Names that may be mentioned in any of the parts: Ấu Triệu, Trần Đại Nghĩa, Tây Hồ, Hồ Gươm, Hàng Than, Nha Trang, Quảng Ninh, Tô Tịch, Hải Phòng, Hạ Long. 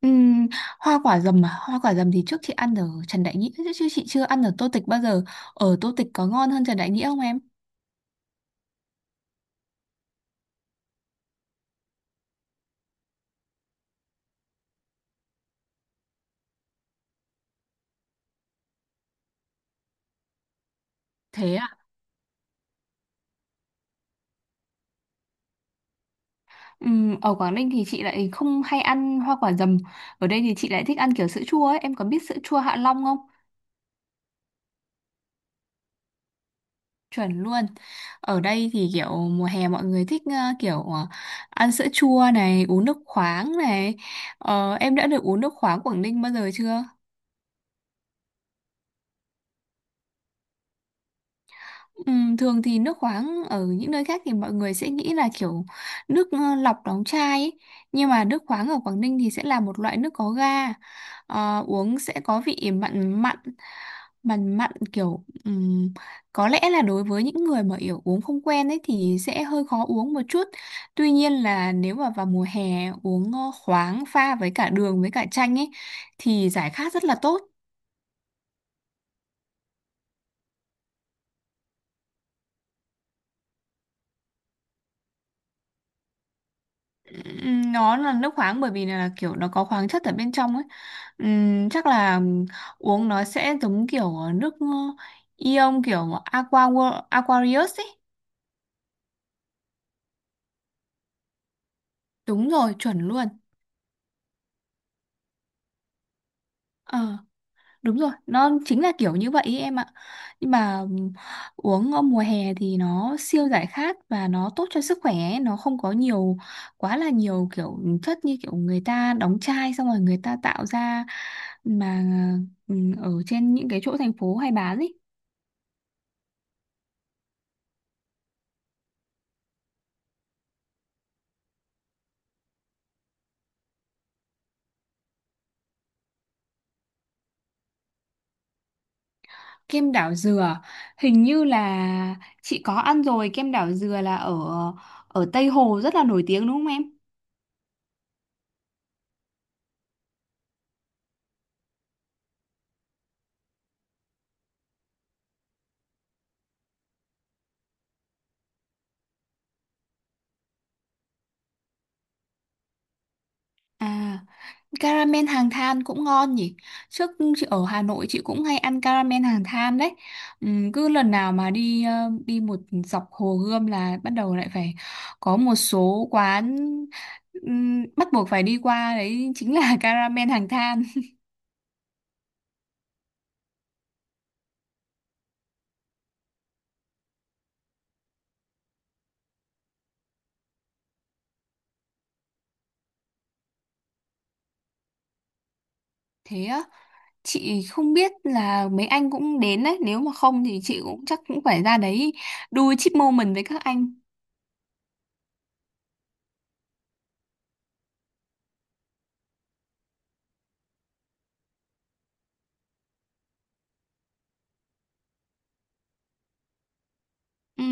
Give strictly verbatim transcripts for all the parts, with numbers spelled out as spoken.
Ừm, Hoa quả dầm à? Hoa quả dầm thì trước chị ăn ở Trần Đại Nghĩa, chứ chứ chị chưa ăn ở Tô Tịch bao giờ. Ở Tô Tịch có ngon hơn Trần Đại Nghĩa không em? Thế ạ? Ừm, ở Quảng Ninh thì chị lại không hay ăn hoa quả dầm. Ở đây thì chị lại thích ăn kiểu sữa chua ấy. Em có biết sữa chua Hạ Long không? Chuẩn luôn. Ở đây thì kiểu mùa hè mọi người thích ờ, kiểu ờ, ăn sữa chua này, uống nước khoáng này. Ờ, em đã được uống nước khoáng Quảng Ninh bao giờ chưa? Ừ, thường thì nước khoáng ở những nơi khác thì mọi người sẽ nghĩ là kiểu nước ờ, lọc đóng chai ấy. Nhưng mà nước khoáng ở Quảng Ninh thì sẽ là một loại nước có ga. Ờ, uống sẽ có vị mặn mặn mặn mặn, kiểu ừm, có lẽ là đối với những người mà kiểu uống không quen ấy thì sẽ hơi khó uống một chút. Tuy nhiên là nếu mà vào mùa hè uống ờ, khoáng pha với cả đường với cả chanh ấy thì giải khát rất là tốt. Ừm, nó là nước khoáng bởi vì là kiểu nó có khoáng chất ở bên trong ấy. Ừm, chắc là uống nó sẽ giống kiểu nước ờ, ion, kiểu aqua aquarius ấy. Đúng rồi, chuẩn luôn. Ờ. Đúng rồi, nó chính là kiểu như vậy ấy, em ạ. Nhưng mà ừm, uống ở mùa hè thì nó siêu giải khát và nó tốt cho sức khỏe ấy. Nó không có nhiều quá là nhiều kiểu chất như kiểu người ta đóng chai xong rồi người ta tạo ra, mà ừm, ở trên những cái chỗ thành phố hay bán ấy. Kem đảo dừa, hình như là chị có ăn rồi, kem đảo dừa là ở ở Tây Hồ rất là nổi tiếng đúng không em? À, caramel hàng than cũng ngon nhỉ. Trước chị ở Hà Nội chị cũng hay ăn caramel hàng than đấy. Ừm, cứ lần nào mà đi ờ, đi một dọc Hồ Gươm là bắt đầu lại phải có một số quán ừm, bắt buộc phải đi qua đấy chính là caramel hàng than. Thế á, chị không biết là mấy anh cũng đến đấy, nếu mà không thì chị cũng chắc cũng phải ra đấy đu chip moment với các anh. Ừ.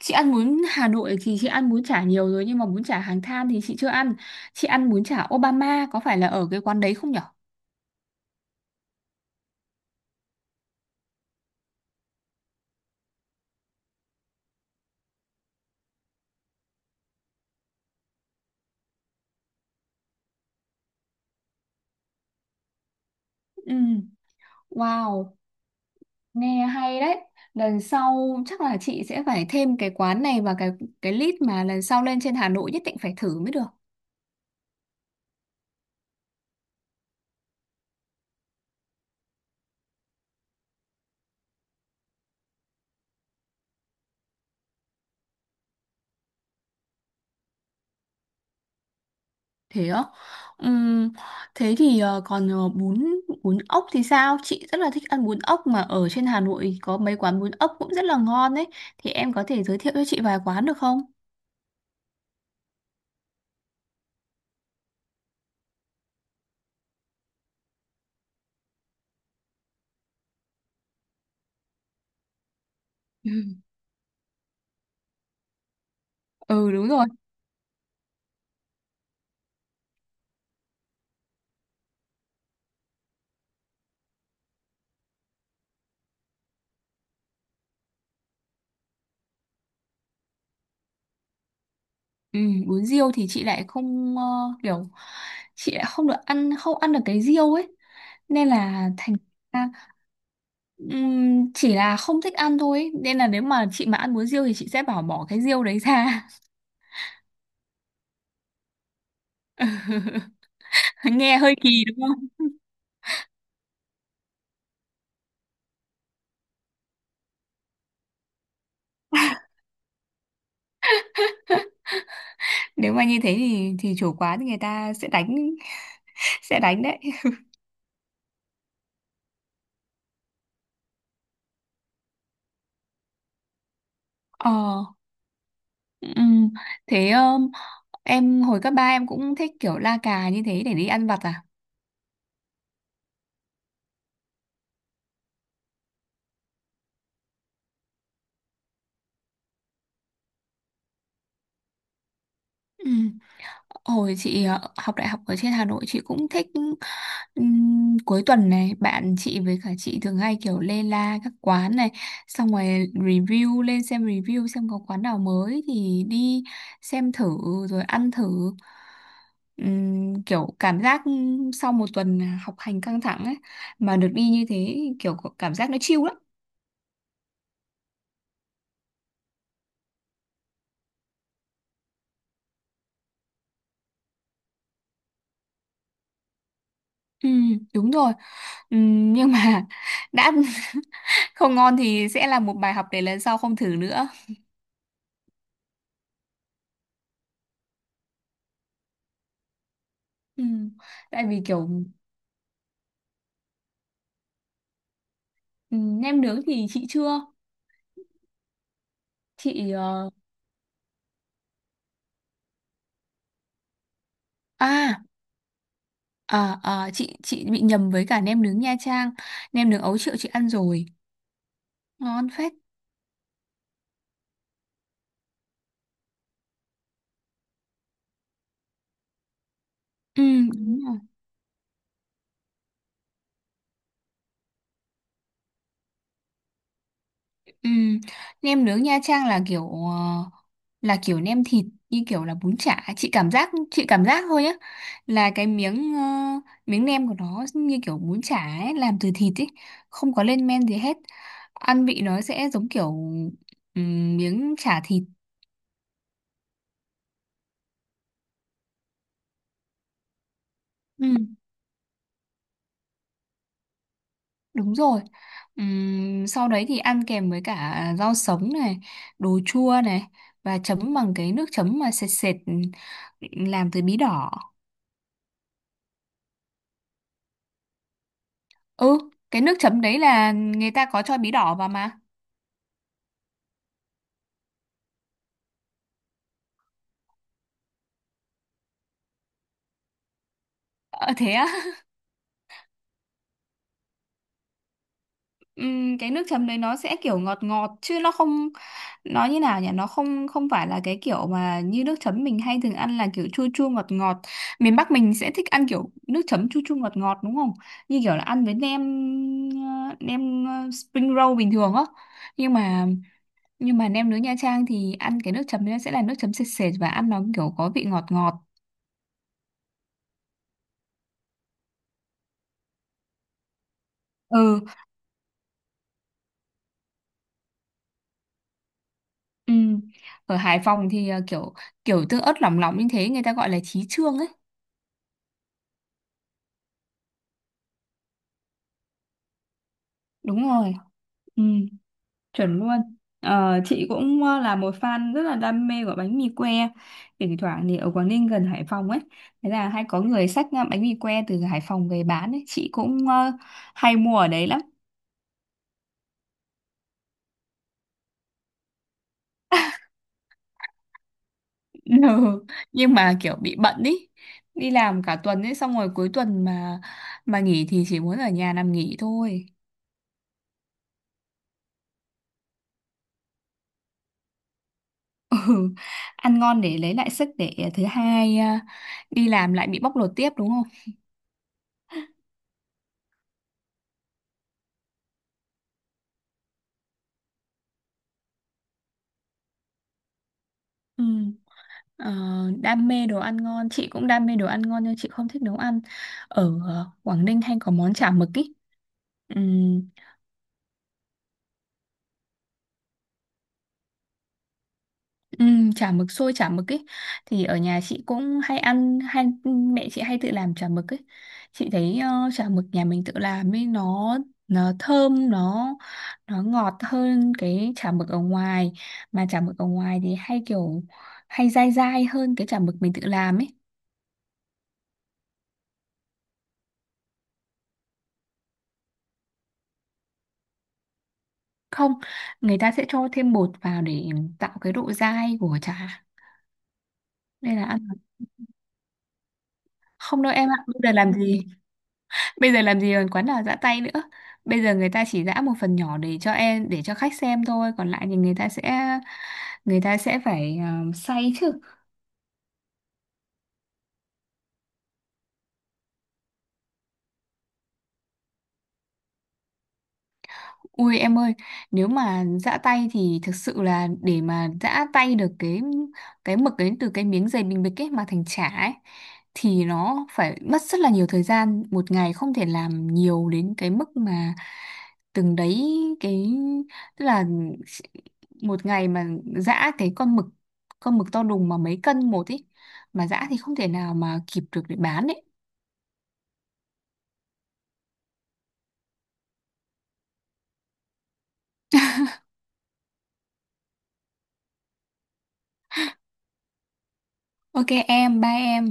Chị ăn bún Hà Nội thì chị ăn bún chả nhiều rồi nhưng mà bún chả Hàng Than thì chị chưa ăn. Chị ăn bún chả Obama có phải là ở cái quán đấy không nhở? Ừ. Wow, nghe hay đấy. Lần sau chắc là chị sẽ phải thêm cái quán này vào cái cái list mà lần sau lên trên Hà Nội nhất định phải thử mới được. Thế á? Ừm, Thế thì ờ, còn ờ, bún bún ốc thì sao? Chị rất là thích ăn bún ốc mà ở trên Hà Nội có mấy quán bún ốc cũng rất là ngon đấy. Thì em có thể giới thiệu cho chị vài quán được không? Ừ, đúng rồi. Ừ, bún riêu thì chị lại không, ờ, kiểu chị lại không được ăn, không ăn được cái riêu ấy, nên là thành ra, ừm, chỉ là không thích ăn thôi ấy. Nên là nếu mà chị mà ăn bún riêu thì chị sẽ bảo bỏ cái riêu đấy ra. Nghe hơi kỳ đúng không? Nếu mà như thế thì thì chủ quán thì người ta sẽ đánh sẽ đánh đấy. Ờ ừm, thế ờm, em hồi cấp ba em cũng thích kiểu la cà như thế để đi ăn vặt à? Ừ. Hồi chị ờ, học đại học ở trên Hà Nội chị cũng thích. Ừm, cuối tuần này bạn chị với cả chị thường hay kiểu lê la các quán này, xong rồi review lên xem, review xem có quán nào mới thì đi xem thử, rồi ăn thử. Ừm, kiểu cảm giác sau một tuần học hành căng thẳng ấy mà được đi như thế, kiểu có cảm giác nó chill lắm. Ừ, đúng rồi. Ừm, nhưng mà đã không ngon thì sẽ là một bài học để lần sau không thử nữa. Ừ. Tại vì kiểu ừ, nem nướng thì chị chưa. Chị ờ, à, à, à chị chị bị nhầm với cả nem nướng Nha Trang. Nem nướng Ấu Triệu chị ăn rồi, ngon phết. Ừ, đúng rồi. Ừ. Nem nướng Nha Trang là kiểu ờ, là kiểu nem thịt, như kiểu là bún chả, chị cảm giác chị cảm giác thôi nhá. Là cái miếng ờ, miếng nem của nó như kiểu bún chả ấy, làm từ thịt ấy, không có lên men gì hết. Ăn vị nó sẽ giống kiểu ừ, miếng chả thịt. Ừ, đúng rồi. Ừm, sau đấy thì ăn kèm với cả rau sống này, đồ chua này, và chấm bằng cái nước chấm mà sệt sệt làm từ bí đỏ. Ừ, cái nước chấm đấy là người ta có cho bí đỏ vào mà. Ờ thế á? Ừm, cái nước chấm đấy nó sẽ kiểu ngọt ngọt, chứ nó không, nó như nào nhỉ, nó không không phải là cái kiểu mà như nước chấm mình hay thường ăn là kiểu chua chua ngọt ngọt. Miền Bắc mình sẽ thích ăn kiểu nước chấm chua chua ngọt ngọt đúng không, như kiểu là ăn với nem ờ, nem ờ, spring roll bình thường á. Nhưng mà nhưng mà nem nướng Nha Trang thì ăn cái nước chấm đấy sẽ là nước chấm sệt sệt và ăn nó kiểu có vị ngọt ngọt. Ừ ừm. Ở Hải Phòng thì ờ, kiểu kiểu tương ớt lỏng lỏng như thế người ta gọi là chí chương ấy. Đúng rồi. Ừ, chuẩn luôn. Ờ, chị cũng ờ, là một fan rất là đam mê của bánh mì que, thỉnh thoảng thì ở Quảng Ninh gần Hải Phòng ấy, thế là hay có người xách ờ, bánh mì que từ Hải Phòng về bán ấy, chị cũng ờ, hay mua ở đấy lắm. Ừ. Nhưng mà kiểu bị bận ý, đi làm cả tuần ấy, xong rồi cuối tuần mà mà nghỉ thì chỉ muốn ở nhà nằm nghỉ thôi. Ừ. Ăn ngon để lấy lại sức để thứ hai à, đi làm lại bị bóc lột tiếp đúng không? Ừ. Ờ, Đam mê đồ ăn ngon, chị cũng đam mê đồ ăn ngon nhưng chị không thích nấu ăn. Ở ờ, Quảng Ninh hay có món chả mực ý. Ừm, ừm, Chả mực, xôi chả mực ý thì ở nhà chị cũng hay ăn, hay mẹ chị hay tự làm chả mực ấy. Chị thấy ờ, chả mực nhà mình tự làm ấy, nó nó thơm, nó nó ngọt hơn cái chả mực ở ngoài, mà chả mực ở ngoài thì hay kiểu hay dai dai hơn cái chả mực mình tự làm ấy. Không, người ta sẽ cho thêm bột vào để tạo cái độ dai của trà nên là ăn. Không đâu em ạ, bây giờ làm gì bây giờ làm gì còn quán nào giã tay nữa. Bây giờ người ta chỉ giã một phần nhỏ để cho em, để cho khách xem thôi, còn lại thì người ta sẽ người ta sẽ phải ờ, xay chứ. Ui em ơi, nếu mà giã tay thì thực sự là để mà giã tay được cái cái mực đến từ cái miếng dày bình bịch ấy mà thành chả ấy thì nó phải mất rất là nhiều thời gian, một ngày không thể làm nhiều đến cái mức mà từng đấy cái, tức là một ngày mà giã cái con mực, con mực to đùng mà mấy cân một ấy mà giã thì không thể nào mà kịp được để bán ấy. Ok em, bye em.